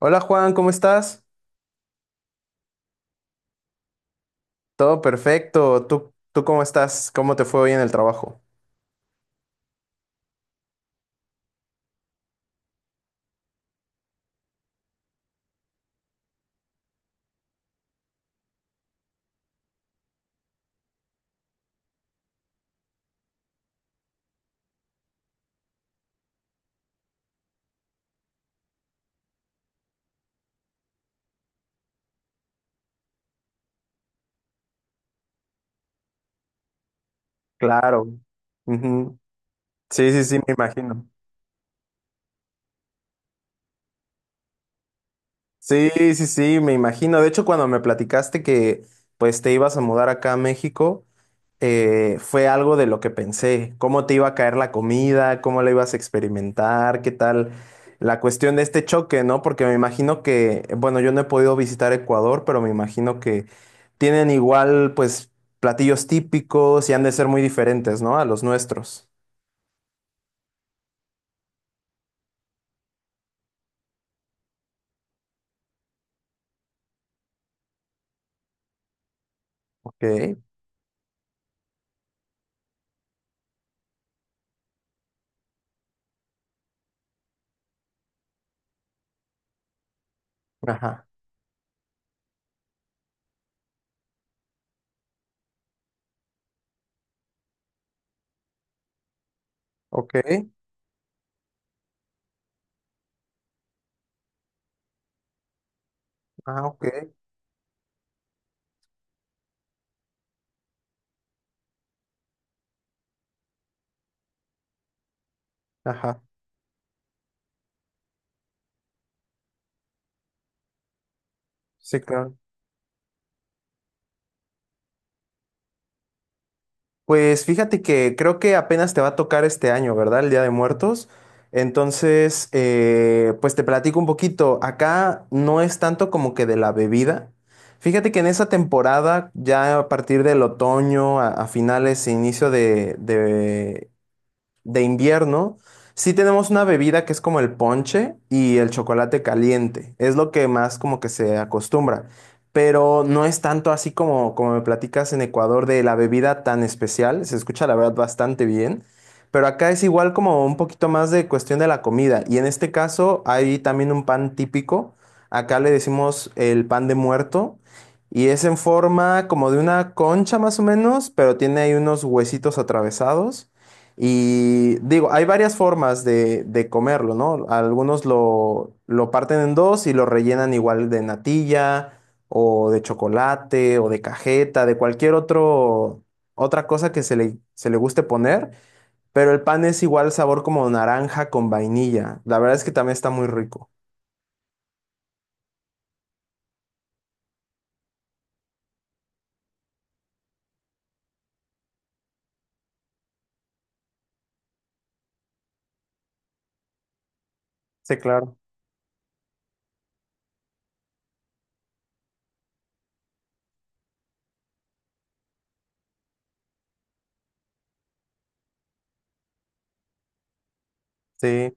Hola Juan, ¿cómo estás? Todo perfecto. ¿Tú cómo estás? ¿Cómo te fue hoy en el trabajo? Claro. Ujú. Sí, sí, sí, me imagino. Sí, sí, sí, me imagino. De hecho, cuando me platicaste que pues te ibas a mudar acá a México, fue algo de lo que pensé. ¿Cómo te iba a caer la comida? ¿Cómo la ibas a experimentar? ¿Qué tal la cuestión de este choque, no? Porque me imagino que, bueno, yo no he podido visitar Ecuador, pero me imagino que tienen igual pues platillos típicos y han de ser muy diferentes, ¿no? A los nuestros. Ok, ajá, ok, ajá, ok, ajá, sí, claro. Pues fíjate que creo que apenas te va a tocar este año, ¿verdad? El Día de Muertos. Entonces, pues te platico un poquito. Acá no es tanto como que de la bebida. Fíjate que en esa temporada, ya a partir del otoño, a finales, e inicio de invierno, sí tenemos una bebida que es como el ponche y el chocolate caliente. Es lo que más como que se acostumbra. Pero no es tanto así como, como me platicas en Ecuador de la bebida tan especial. Se escucha la verdad bastante bien. Pero acá es igual como un poquito más de cuestión de la comida. Y en este caso hay también un pan típico. Acá le decimos el pan de muerto. Y es en forma como de una concha más o menos, pero tiene ahí unos huesitos atravesados. Y digo, hay varias formas de comerlo, ¿no? Algunos lo parten en dos y lo rellenan igual de natilla o de chocolate o de cajeta, de cualquier otro, otra cosa que se le guste poner, pero el pan es igual sabor como naranja con vainilla. La verdad es que también está muy rico. Sí, claro. Sí.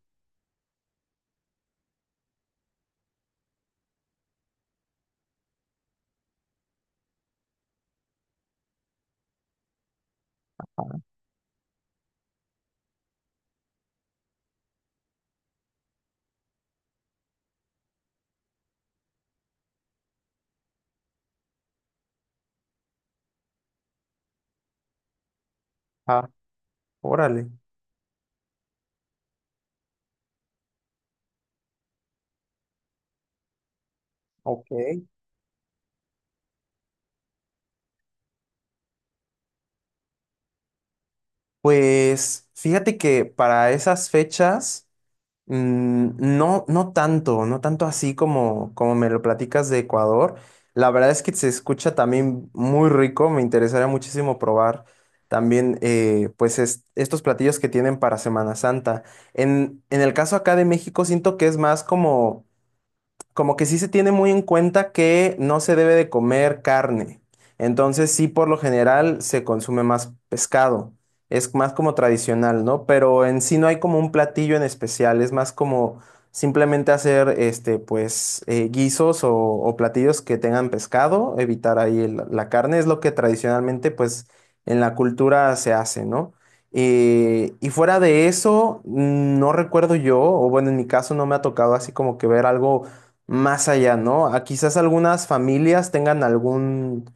Ah, órale. Ok. Pues fíjate que para esas fechas. No, no tanto, no tanto así como, como me lo platicas de Ecuador. La verdad es que se escucha también muy rico, me interesaría muchísimo probar también pues estos platillos que tienen para Semana Santa. En el caso acá de México siento que es más como como que sí se tiene muy en cuenta que no se debe de comer carne. Entonces sí, por lo general se consume más pescado. Es más como tradicional, ¿no? Pero en sí no hay como un platillo en especial, es más como simplemente hacer este, pues, guisos o platillos que tengan pescado, evitar ahí la carne, es lo que tradicionalmente, pues, en la cultura se hace, ¿no? Y fuera de eso, no recuerdo yo, o bueno, en mi caso no me ha tocado así como que ver algo más allá, ¿no? A quizás algunas familias tengan algún,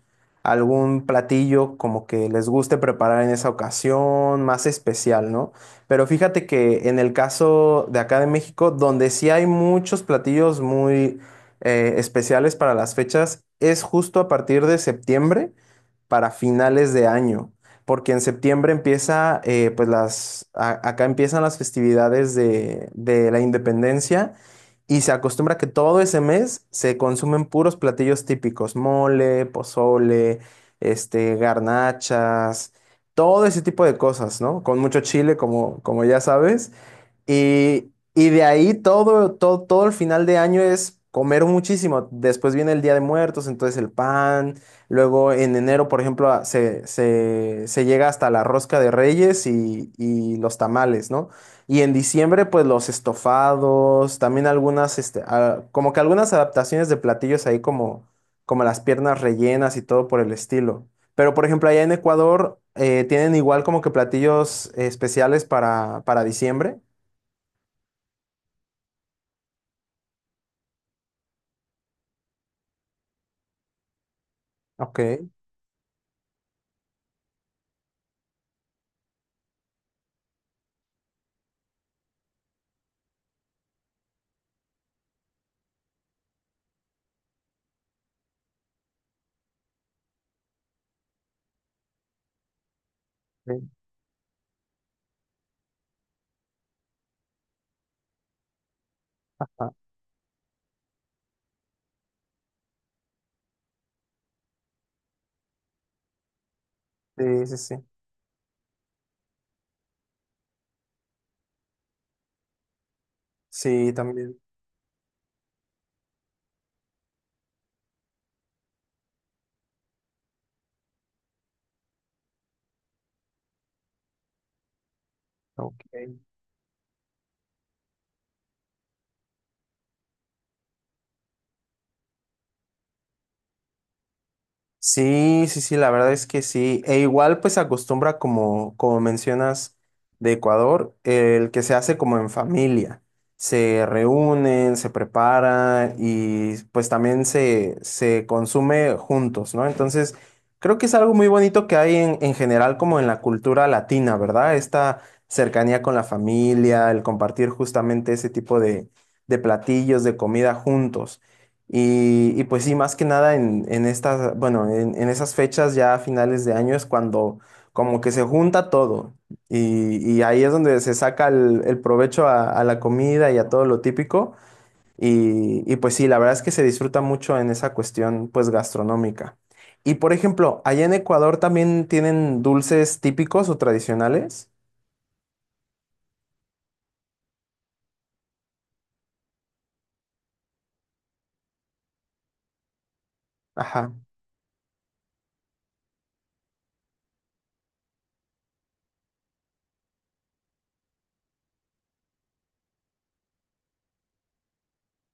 algún platillo como que les guste preparar en esa ocasión, más especial, ¿no? Pero fíjate que en el caso de acá de México, donde sí hay muchos platillos muy especiales para las fechas, es justo a partir de septiembre para finales de año, porque en septiembre empieza, pues las, acá empiezan las festividades de la independencia y se acostumbra que todo ese mes se consumen puros platillos típicos, mole, pozole, este, garnachas, todo ese tipo de cosas, ¿no? Con mucho chile, como, como ya sabes. Y de ahí todo, todo, todo el final de año es comer muchísimo. Después viene el Día de Muertos, entonces el pan. Luego en enero, por ejemplo, se llega hasta la rosca de Reyes y los tamales, ¿no? Y en diciembre, pues los estofados, también algunas, este, ah, como que algunas adaptaciones de platillos ahí como, como las piernas rellenas y todo por el estilo. Pero, por ejemplo, allá en Ecuador, ¿tienen igual como que platillos especiales para diciembre? Ok. Sí, ah, sí, sí, sí. Sí, también. Ok. Sí, sí, sí, la verdad es que sí. E igual pues se acostumbra como, como mencionas de Ecuador, el que se hace como en familia. Se reúnen, se prepara y pues también se consume juntos, ¿no? Entonces, creo que es algo muy bonito que hay en general como en la cultura latina, ¿verdad? Esta cercanía con la familia, el compartir justamente ese tipo de platillos, de comida juntos. Y pues sí, más que nada en, en estas, bueno, en esas fechas ya a finales de año es cuando como que se junta todo y ahí es donde se saca el provecho a la comida y a todo lo típico y pues sí, la verdad es que se disfruta mucho en esa cuestión pues gastronómica. Y por ejemplo, allá en Ecuador también tienen dulces típicos o tradicionales. Ajá,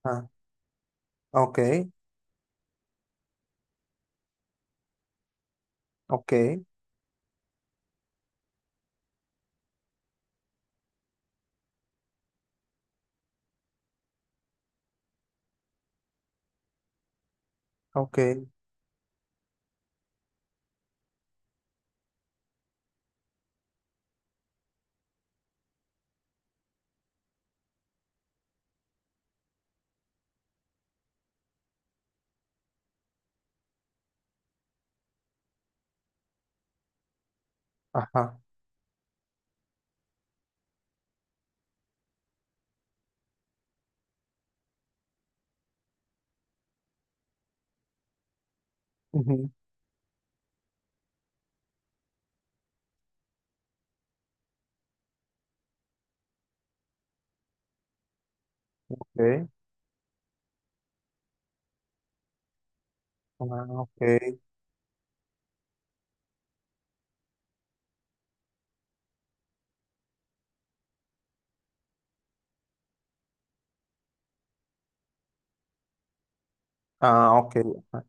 ah, ok, ok, ok, ajá, ujú, ok, ah, ok. Ah, ok. Ajá,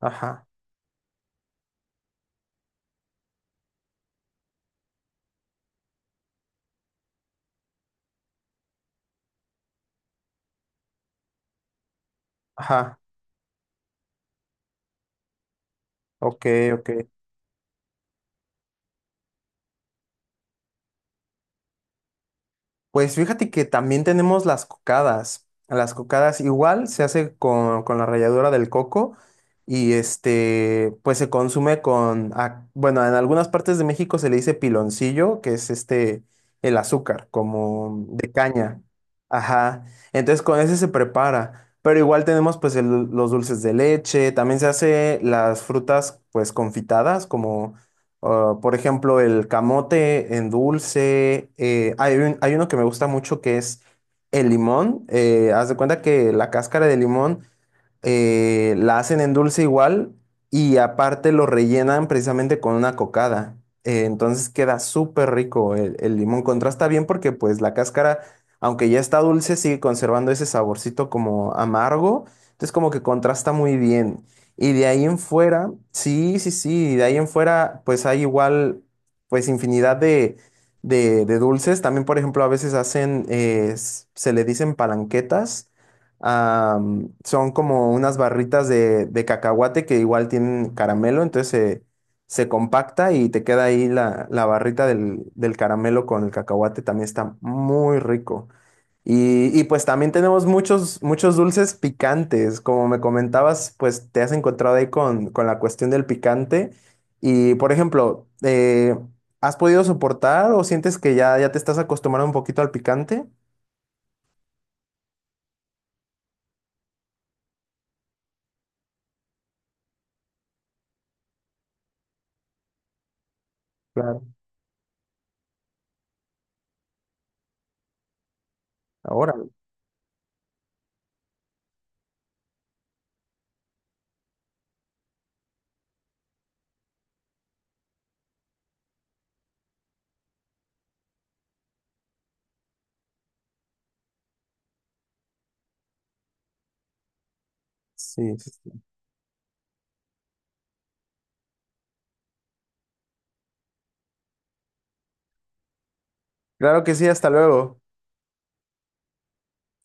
ajá, ajá, ok, ok. Pues fíjate que también tenemos las cocadas. Las cocadas igual se hace con la ralladura del coco y este, pues se consume con, ah, bueno, en algunas partes de México se le dice piloncillo, que es este, el azúcar, como de caña. Ajá. Entonces con ese se prepara. Pero igual tenemos pues los dulces de leche, también se hace las frutas pues confitadas, como. Ah, por ejemplo, el camote en dulce. Hay hay uno que me gusta mucho que es el limón. Haz de cuenta que la cáscara de limón la hacen en dulce igual y aparte lo rellenan precisamente con una cocada. Entonces queda súper rico el limón. Contrasta bien porque pues la cáscara, aunque ya está dulce, sigue conservando ese saborcito como amargo. Entonces como que contrasta muy bien. Y de ahí en fuera, sí, sí, sí, de ahí en fuera, pues hay igual, pues infinidad de, de dulces. También, por ejemplo, a veces hacen, se le dicen palanquetas. Son como unas barritas de cacahuate que igual tienen caramelo, entonces se compacta y te queda ahí la, la barrita del, del caramelo con el cacahuate. También está muy rico. Y pues también tenemos muchos, muchos dulces picantes. Como me comentabas, pues te has encontrado ahí con la cuestión del picante. Y por ejemplo, ¿has podido soportar o sientes que ya, ya te estás acostumbrando un poquito al picante? Claro. Ahora, sí. Sí, sí. Claro que sí, hasta luego.